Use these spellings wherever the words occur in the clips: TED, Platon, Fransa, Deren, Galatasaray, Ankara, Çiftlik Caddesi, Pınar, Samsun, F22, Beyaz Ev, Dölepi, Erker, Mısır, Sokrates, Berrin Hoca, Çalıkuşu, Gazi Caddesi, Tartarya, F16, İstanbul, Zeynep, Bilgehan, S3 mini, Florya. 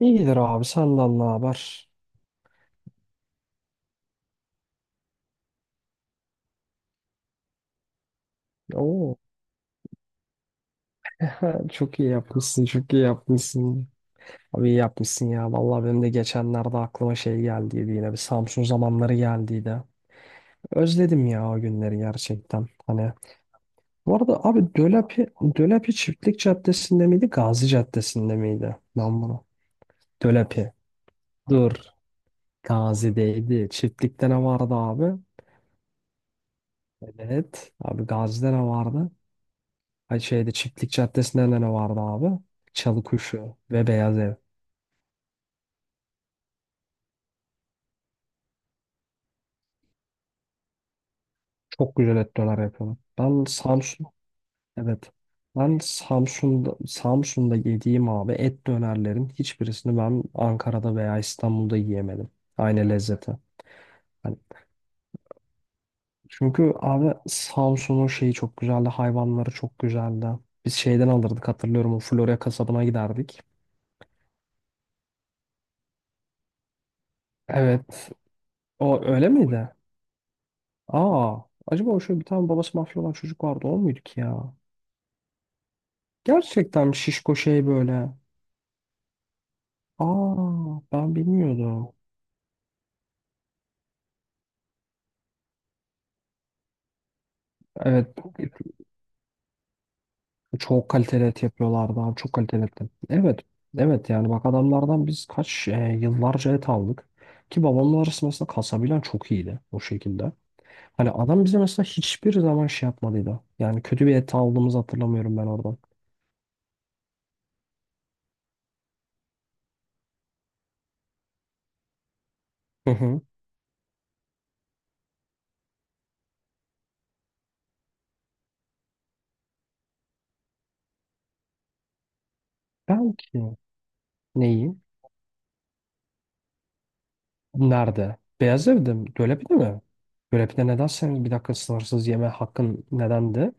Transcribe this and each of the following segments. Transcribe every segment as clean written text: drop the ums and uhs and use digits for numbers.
İyidir abi sallallahu haber. Oo, çok iyi yapmışsın, çok iyi yapmışsın. Abi iyi yapmışsın ya. Vallahi benim de geçenlerde aklıma şey geldiydi, yine bir Samsun zamanları geldiydi. Özledim ya o günleri gerçekten. Hani bu arada abi Dölepi Çiftlik Caddesi'nde miydi, Gazi Caddesi'nde miydi? Lan bunu. Dölepi. Dur. Gazi'deydi. Çiftlik'te ne vardı abi? Evet. Abi, Gazi'de ne vardı? Hani şeyde Çiftlik Caddesi'nde de ne vardı abi? Çalıkuşu ve Beyaz Ev. Çok güzel et döner yapıyorlar. Evet. Ben Samsun'da yediğim abi et dönerlerin hiçbirisini ben Ankara'da veya İstanbul'da yiyemedim. Aynı lezzeti. Hani çünkü abi Samsun'un şeyi çok güzeldi. Hayvanları çok güzeldi. Biz şeyden alırdık, hatırlıyorum. O Florya kasabına giderdik. Evet. O öyle miydi? Aa. Acaba o şöyle bir tane babası mafya olan çocuk vardı, o muydu ki ya? Gerçekten şişko şey böyle. Aa, ben bilmiyordum. Evet, çok kaliteli et yapıyorlardı abi, çok kaliteli et. Evet evet, yani bak, adamlardan biz yıllarca et aldık. Ki babamla arası mesela kasabilen çok iyiydi o şekilde. Hani adam bize mesela hiçbir zaman şey yapmadıydı. Yani kötü bir et aldığımızı hatırlamıyorum ben oradan. Hı hı. Belki neyi? Nerede? Beyaz Ev'de mi? Dölepi'de mi? Dölepi'de neden senin bir dakika sınırsız yeme hakkın nedendi?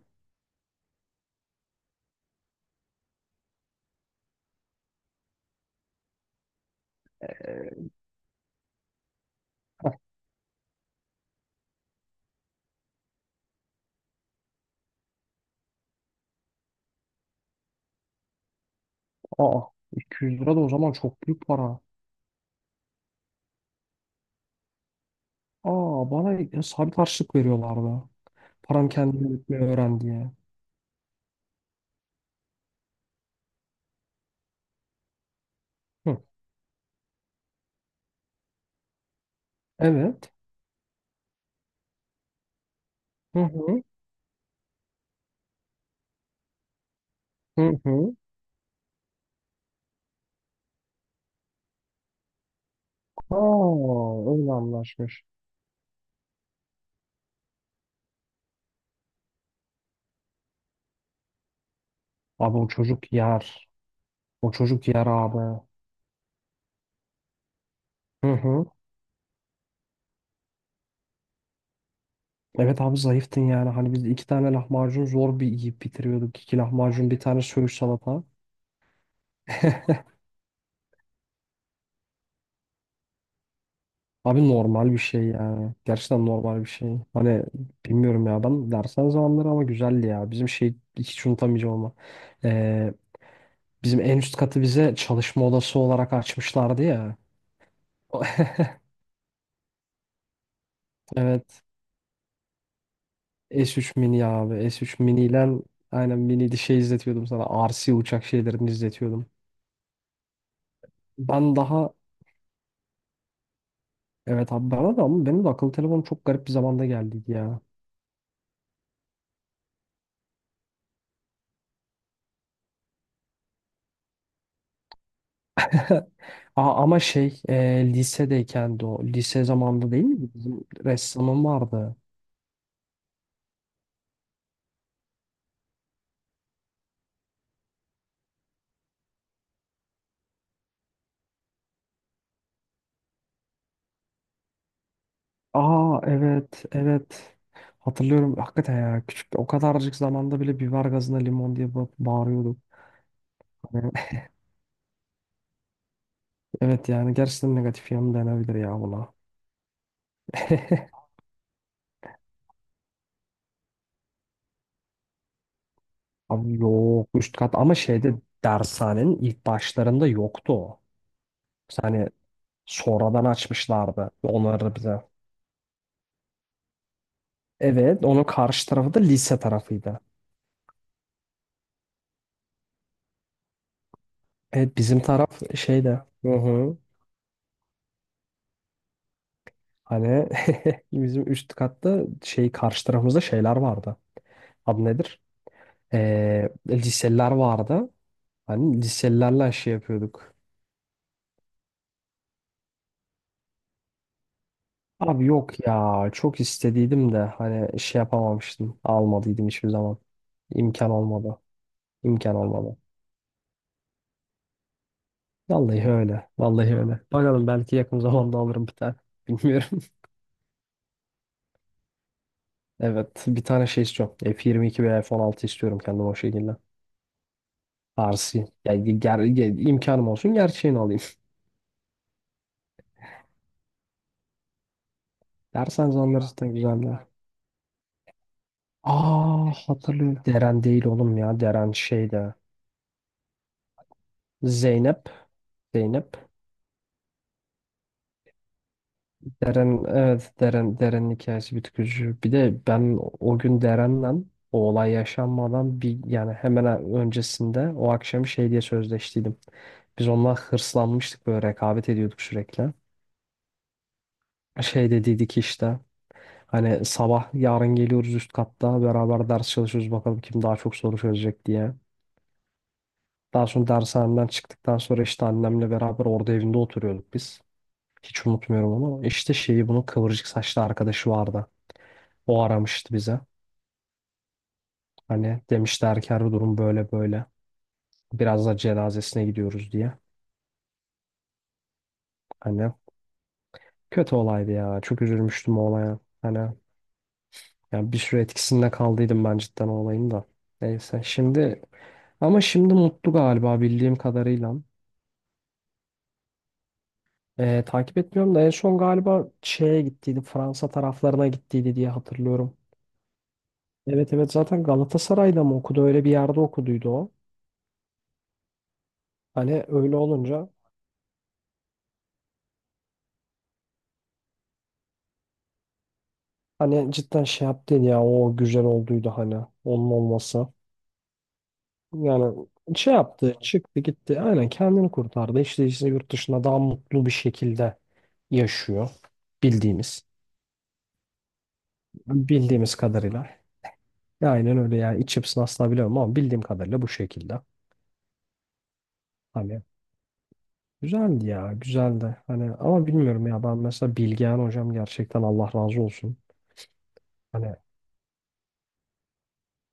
Aa, 200 lira da o zaman çok büyük para. Aa, bana ya, sabit harçlık veriyorlardı. Param kendini yönetmeyi öğren diye. Hı. Evet. Hı hı. Hı hı. Aa, öyle anlaşmış. Abi, o çocuk yer. O çocuk yer abi. Hı hı. Evet abi, zayıftın yani. Hani biz iki tane lahmacun zor bir yiyip bitiriyorduk. İki lahmacun, bir tane söğüş salata. Abi, normal bir şey yani. Gerçekten normal bir şey. Hani bilmiyorum ya, ben dersen zamanları ama güzeldi ya. Bizim şey hiç unutamayacağım ama. Ee, bizim en üst katı bize çalışma odası olarak açmışlardı ya. Evet. S3 mini abi. S3 mini ile aynen mini şey izletiyordum sana. RC uçak şeylerini izletiyordum. Ben daha evet abi, bana da ama benim de akıllı telefonum çok garip bir zamanda geldi ya. Aa, ama şey lisedeyken de o. Lise zamanında değil mi? Bizim ressamım vardı. Aa, evet evet. Hatırlıyorum hakikaten ya, küçük o kadarcık zamanda bile biber gazına limon diye bağırıyorduk. Hani, evet yani gerçekten negatif yanı denebilir ya buna. Abi, yok üst kat ama şeyde dershanenin ilk başlarında yoktu o. Hani sonradan açmışlardı onları bize. Evet, onun karşı tarafı da lise tarafıydı. Evet, bizim taraf şeyde. Hı hı. Hani bizim üst katta şey karşı tarafımızda şeyler vardı. Adı nedir? Liseliler vardı. Hani liselilerle şey yapıyorduk. Abi yok ya, çok istediydim de hani şey yapamamıştım. Almadıydım hiçbir zaman. İmkan olmadı. İmkan olmadı. Vallahi öyle. Vallahi öyle. Bakalım, belki yakın zamanda alırım bir tane. Bilmiyorum. Evet, bir tane şey istiyorum. F22 veya F16 istiyorum kendim o şekilde. Arsi. Yani imkanım olsun gerçeğini alayım. Derseniz anlarız da güzeldi. Aa, hatırlıyorum. Deren değil oğlum ya. Deren şeyde. Zeynep. Zeynep. Deren evet, Deren'in hikayesi bir tık üzücü. Bir de ben o gün Deren'le o olay yaşanmadan bir, yani hemen öncesinde o akşam şey diye sözleştiydim. Biz onunla hırslanmıştık, böyle rekabet ediyorduk sürekli. Şey dediydik işte. Hani sabah yarın geliyoruz, üst katta beraber ders çalışıyoruz, bakalım kim daha çok soru çözecek diye. Daha sonra dershanemden çıktıktan sonra işte annemle beraber orada evinde oturuyorduk biz. Hiç unutmuyorum onu. İşte şeyi, bunun kıvırcık saçlı arkadaşı vardı. O aramıştı bize. Hani demişti Erker, bu durum böyle böyle. Biraz da cenazesine gidiyoruz diye. Hani kötü olaydı ya. Çok üzülmüştüm o olaya. Hani yani bir süre etkisinde kaldıydım ben cidden o olayın da. Neyse şimdi, ama şimdi mutlu galiba, bildiğim kadarıyla. Takip etmiyorum da en son galiba şeye gittiydi, Fransa taraflarına gittiydi diye hatırlıyorum. Evet evet, zaten Galatasaray'da mı okudu, öyle bir yerde okuduydu o. Hani öyle olunca hani cidden şey yaptın ya, o güzel olduydu hani onun olması. Yani şey yaptı, çıktı gitti, aynen kendini kurtardı. İşte yurt dışında daha mutlu bir şekilde yaşıyor, bildiğimiz bildiğimiz kadarıyla. Ya, aynen öyle yani, iç yapısını asla bilemem ama bildiğim kadarıyla bu şekilde. Hani güzeldi ya, güzeldi. Hani ama bilmiyorum ya, ben mesela Bilgehan hocam, gerçekten Allah razı olsun. Hani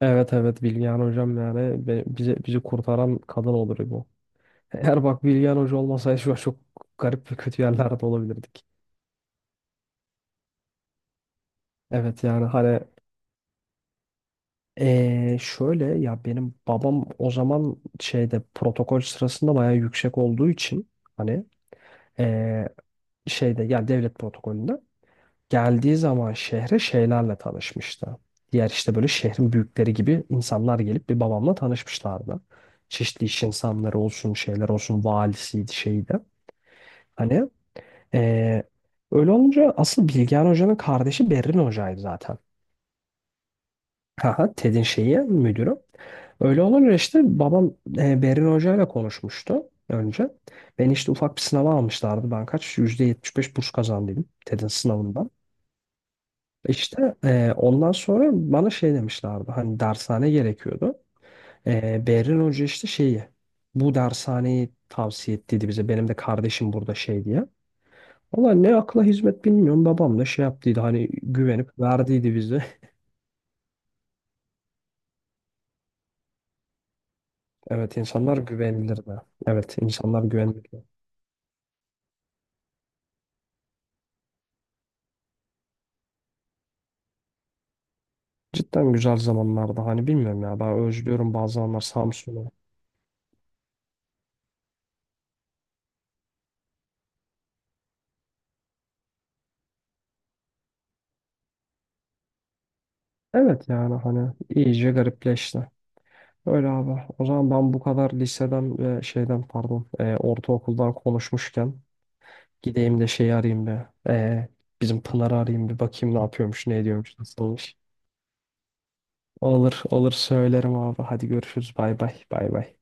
evet evet, Bilgehan hocam yani bizi kurtaran kadın olur bu. Eğer bak, Bilgehan hoca olmasaydı şu an çok garip ve kötü yerlerde olabilirdik. Evet yani hani şöyle ya, benim babam o zaman şeyde protokol sırasında bayağı yüksek olduğu için, hani eee, şeyde yani devlet protokolünde geldiği zaman şehre şeylerle tanışmıştı. Diğer işte böyle şehrin büyükleri gibi insanlar gelip bir babamla tanışmışlardı. Çeşitli iş insanları olsun, şeyler olsun, valisiydi, şeydi. Hani eee, öyle olunca asıl Bilgehan Hoca'nın kardeşi Berrin Hoca'ydı zaten. Haha, TED'in şeyi, müdürü. Öyle olunca işte babam Berin Hoca ile konuşmuştu önce. Beni işte ufak bir sınava almışlardı. Ben kaç? %75 burs kazandıydım TED'in sınavında. İşte ondan sonra bana şey demişlerdi, hani dershane gerekiyordu. Berrin Hoca işte şeyi bu dershaneyi tavsiye ettiydi bize, benim de kardeşim burada şey diye. Valla ne akla hizmet bilmiyorum, babam da şey yaptıydı hani, güvenip verdiydi bize. Evet, insanlar güvenilirdi. Evet, insanlar güvenilirdi. Cidden güzel zamanlarda hani bilmiyorum ya, ben özlüyorum bazı zamanlar Samsun'u. Evet yani hani iyice garipleşti. Öyle abi. O zaman ben bu kadar liseden ve şeyden, pardon, ortaokuldan konuşmuşken gideyim de şeyi arayayım bir. Bizim Pınar'ı arayayım bir, bakayım ne yapıyormuş, ne ediyormuş, nasılmış. Olur, olur, söylerim abi. Hadi görüşürüz. Bay bay. Bay bay.